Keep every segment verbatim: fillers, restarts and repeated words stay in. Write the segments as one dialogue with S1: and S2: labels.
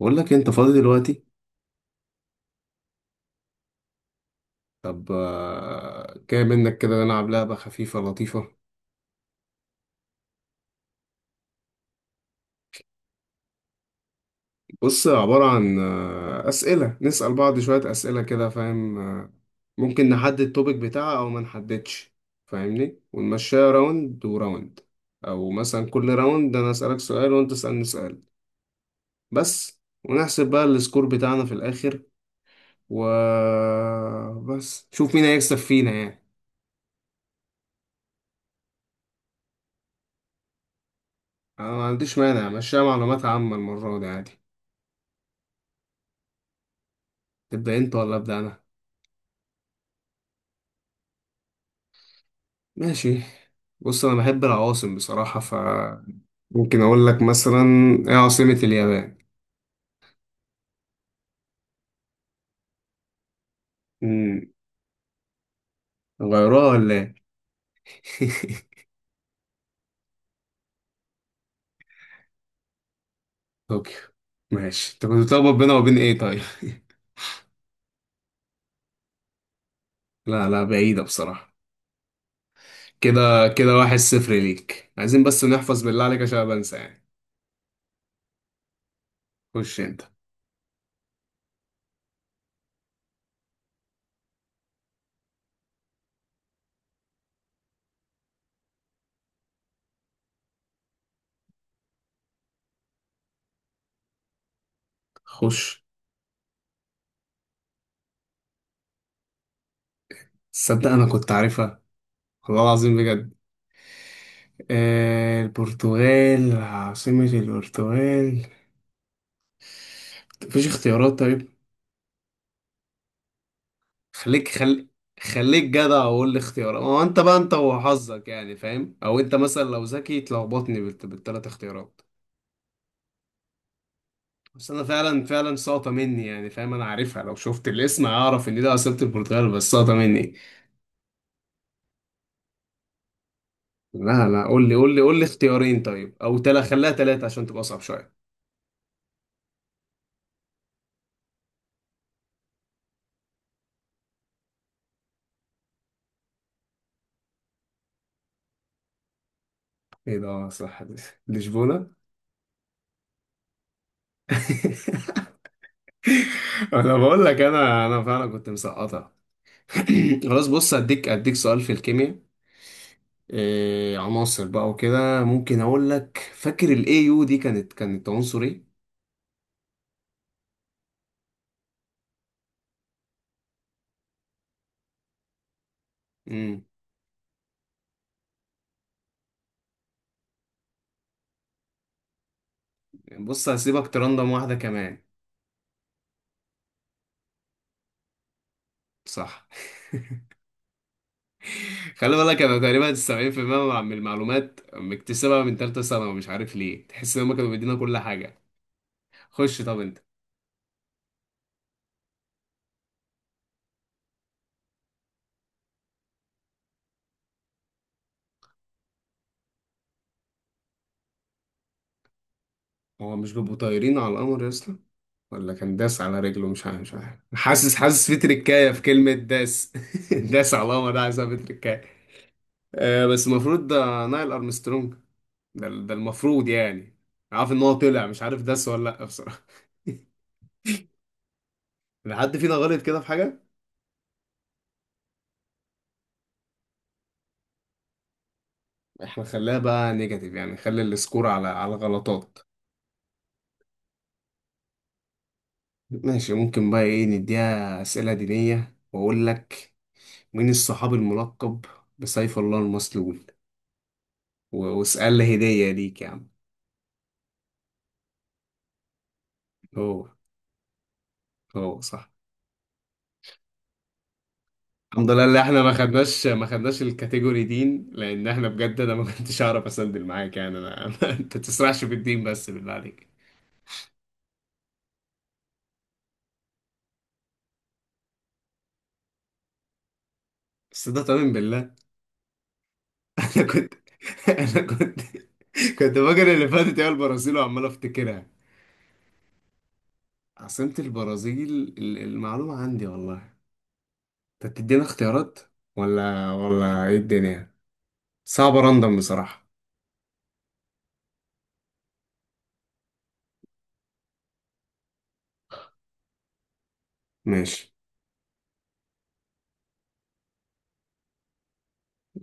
S1: بقول لك انت فاضي دلوقتي. طب، آه، جاي منك كده نلعب لعبة خفيفة لطيفة. بص، عبارة عن آه، أسئلة، نسأل بعض شوية أسئلة كده، فاهم؟ آه، ممكن نحدد التوبيك بتاعها أو ما نحددش، فاهمني؟ ونمشيها راوند وراوند. أو مثلا، كل راوند أنا أسألك سؤال وأنت تسألني سؤال بس، ونحسب بقى السكور بتاعنا في الآخر، وبس شوف مين هيكسب فينا يعني. أنا ما عنديش مانع، مشيها معلومات عامة المرة دي عادي. تبدأ أنت ولا أبدأ أنا؟ ماشي. بص، انا بحب العواصم بصراحة، فممكن اقول لك مثلا، ايه عاصمة اليابان؟ امم. غيروها ولا ايه؟ طوكيو. ماشي، انت كنت بتلخبط بينها وبين ايه طيب؟ لا لا، بعيدة بصراحة. كده. كده واحد صفر ليك، عايزين بس نحفظ بالله عليك عشان أنا بنسى يعني. خش انت. خش. تصدق انا كنت عارفها، والله العظيم بجد. آه، البرتغال، عاصمة البرتغال. مفيش اختيارات طيب؟ خليك خلي خليك جدع وقول لي اختيارات، هو انت بقى انت وحظك يعني، فاهم؟ او انت مثلا لو ذكي تلخبطني بالت... بالتلات اختيارات. بس انا فعلا فعلا ساقطه مني يعني، فاهم؟ انا عارفها، لو شفت الاسم هعرف ان ده عاصمة البرتغال، بس ساقطه مني. لا لا، قول لي قول لي قول لي اختيارين طيب، او تلا خليها تلاتة عشان تبقى اصعب شويه. ايه ده؟ آه، صح دي، لشبونه. انا بقول لك، انا انا فعلا كنت مسقطها. خلاص، بص اديك اديك سؤال في الكيمياء. آه، عناصر بقى وكده، ممكن اقول لك، فاكر الاي يو دي كانت كانت عنصر ايه؟ امم بص، هسيبك ترندم واحده كمان. صح. خلي بالك، انا تقريبا سبعين في المية من المعلومات مكتسبها من ثالثه ثانوي، مش عارف ليه، تحس ان هم كانوا بيدينا كل حاجه. خش طب انت. هو مش بيبقوا طايرين على القمر يا اسطى، ولا كان داس على رجله؟ مش عارف مش عارف، حاسس حاسس في تركايه في كلمه داس. داس على القمر، ده عايزها في تركايه. آه، بس المفروض ده نايل ارمسترونج. ده ده المفروض يعني. عارف ان هو طلع، مش عارف داس ولا لا بصراحه. لو حد فينا غلط كده في حاجه. احنا خليها بقى نيجاتيف يعني، نخلي السكور على على غلطات. ماشي، ممكن بقى ايه، نديها اسئله دينيه واقول لك، مين الصحابي الملقب بسيف الله المسلول، و- واسال لي هديه ليك يا عم. هو، هو صح. الحمد لله اللي احنا ما خدناش ما خدناش الكاتيجوري دين، لان احنا بجد انا ما كنتش اعرف اسندل معاك يعني انا. انت تسرحش في الدين بس بالله عليك. بس ده طمن بالله. انا كنت. انا كنت كنت فاكر اللي فاتت هي البرازيل، وعمال افتكرها. عاصمة البرازيل، ال- المعلومة عندي والله. انت بتدينا اختيارات ولا ولا ايه الدنيا؟ صعبة، راندم بصراحة. ماشي.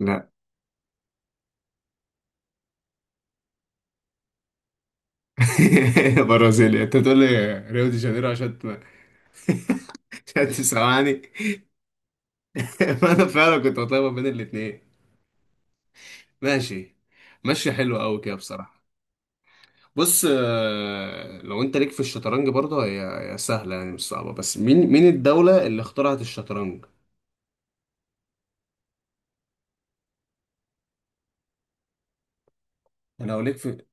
S1: لا. برازيل، انت تقول لي ريو دي جانيرو عشان ت- عشان تسمعني. فانا فعلا كنت بطلع ما بين الاتنين. ماشي، ماشي حلو قوي كده بصراحة. بص، آه، لو انت ليك في الشطرنج برضه، هي هي سهلة يعني، مش صعبة، بس مين مين الدولة اللي اخترعت الشطرنج؟ انا لو ليك في.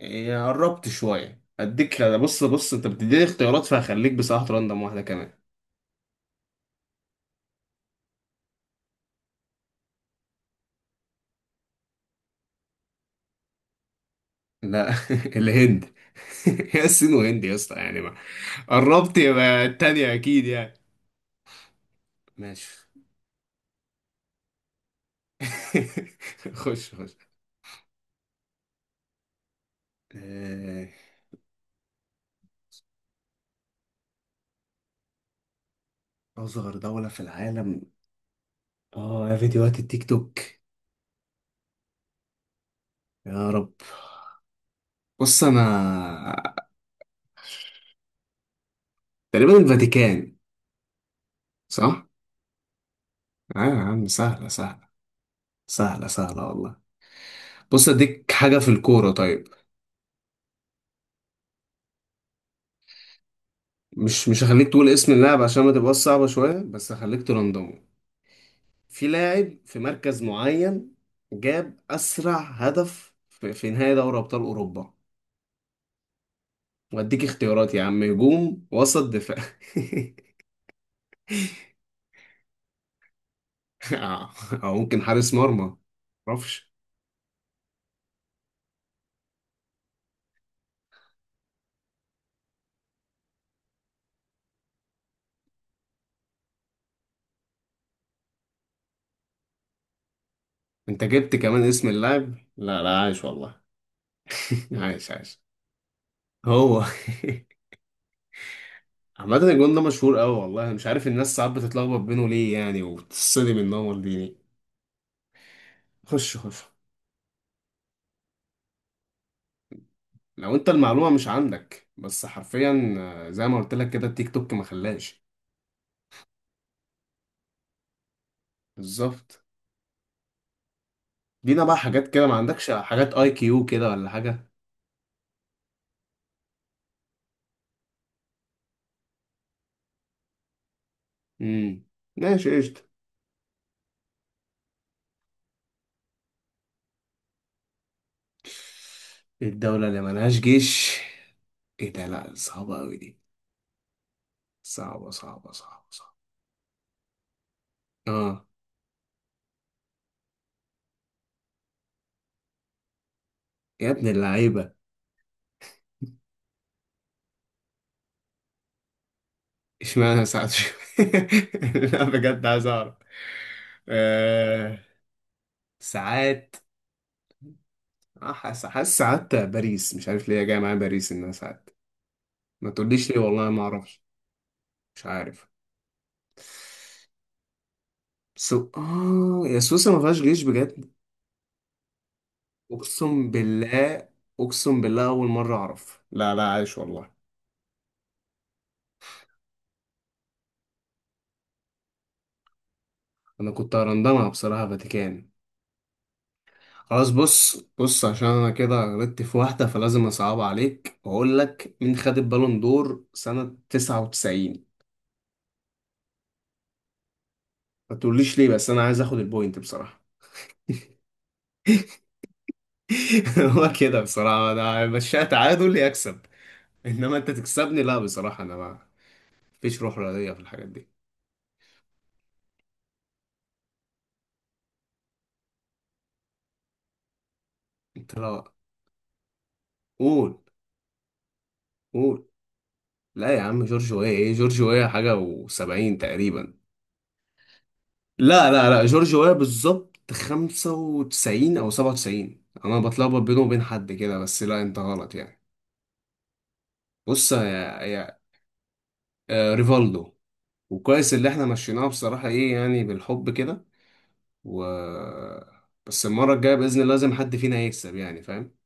S1: هي قربت شوية اديك، لا بص بص انت بتديني اختيارات، فهخليك بصراحة راندم واحدة كمان. لا. الهند. هي الصين وهند يا اسطى، يعني ما قربت يبقى التانية اكيد يعني. ماشي. خش خش. آه، أصغر دولة في العالم. آه، يا فيديوهات التيك توك، يا رب. بص أنا، تقريبا الفاتيكان، صح؟ ايوه يا عم، سهلة سهلة سهلة سهلة والله. بص، اديك حاجة في الكورة طيب. مش مش هخليك تقول اسم اللاعب عشان ما تبقاش صعبة، شوية بس هخليك ترندمه. في لاعب في مركز معين جاب أسرع هدف في, في نهائي دوري أبطال أوروبا، واديك اختيارات يا عم: هجوم، وسط، دفاع. أو أو ممكن حارس مرمى. معرفش. انت جبت كمان اسم اللاعب، لا لا عايش والله. عايش عايش. هو. عامة الجون ده مشهور قوي والله، مش عارف الناس ساعات بتتلخبط بينه ليه يعني وبتتصدم ان هو مالديني. خش خش. لو انت المعلومة مش عندك بس حرفيا، آه، زي ما قلت لك كده، التيك توك ما خلاش. بالظبط. دينا بقى حاجات كده، ما عندكش حاجات اي كيو كده ولا حاجة. امم ماشي قشطة. الدولة اللي ملهاش جيش، ايه ده، لا صعبة قوي دي، صعبة صعبة صعبة صعبة. اه. يا ابن اللعيبة. اشمعنى ساعات شو- لا بجد عايز اعرف. آه... ساعات. آه، حاسس حاسس ساعات باريس، مش عارف ليه جاي معايا باريس انها ساعات، ما تقوليش ليه والله ما اعرفش. مش عارف. سو اه يا سويسرا، ما فيهاش جيش بجد؟ اقسم بالله، اقسم بالله اول مره اعرف. لا لا، عايش والله. انا كنت هرندمها بصراحه فاتيكان. خلاص، بص بص عشان انا كده غلطت في واحدة، فلازم اصعب عليك واقول لك، مين خد البالون دور سنة تسعة وتسعين؟ ما تقوليش ليه، بس انا عايز اخد البوينت بصراحة. هو كده بصراحة، انا مشيها تعادل يكسب، انما انت تكسبني لا، بصراحة انا ما فيش روح رياضية في الحاجات دي. انت لا. قول. قول. لا يا عم، جورج ويا، ايه جورج ويا حاجة و70 تقريبا. لا لا لا، جورج ويا بالظبط خمسة وتسعين او سبعة وتسعين، انا بتلخبط بينه وبين حد كده، بس لا انت غلط يعني. بص يا، يا آه، ريفالدو. وكويس اللي احنا مشيناها بصراحة ايه يعني، بالحب كده. و بس المرة الجاية بإذن الله لازم حد فينا يكسب يعني، فاهم؟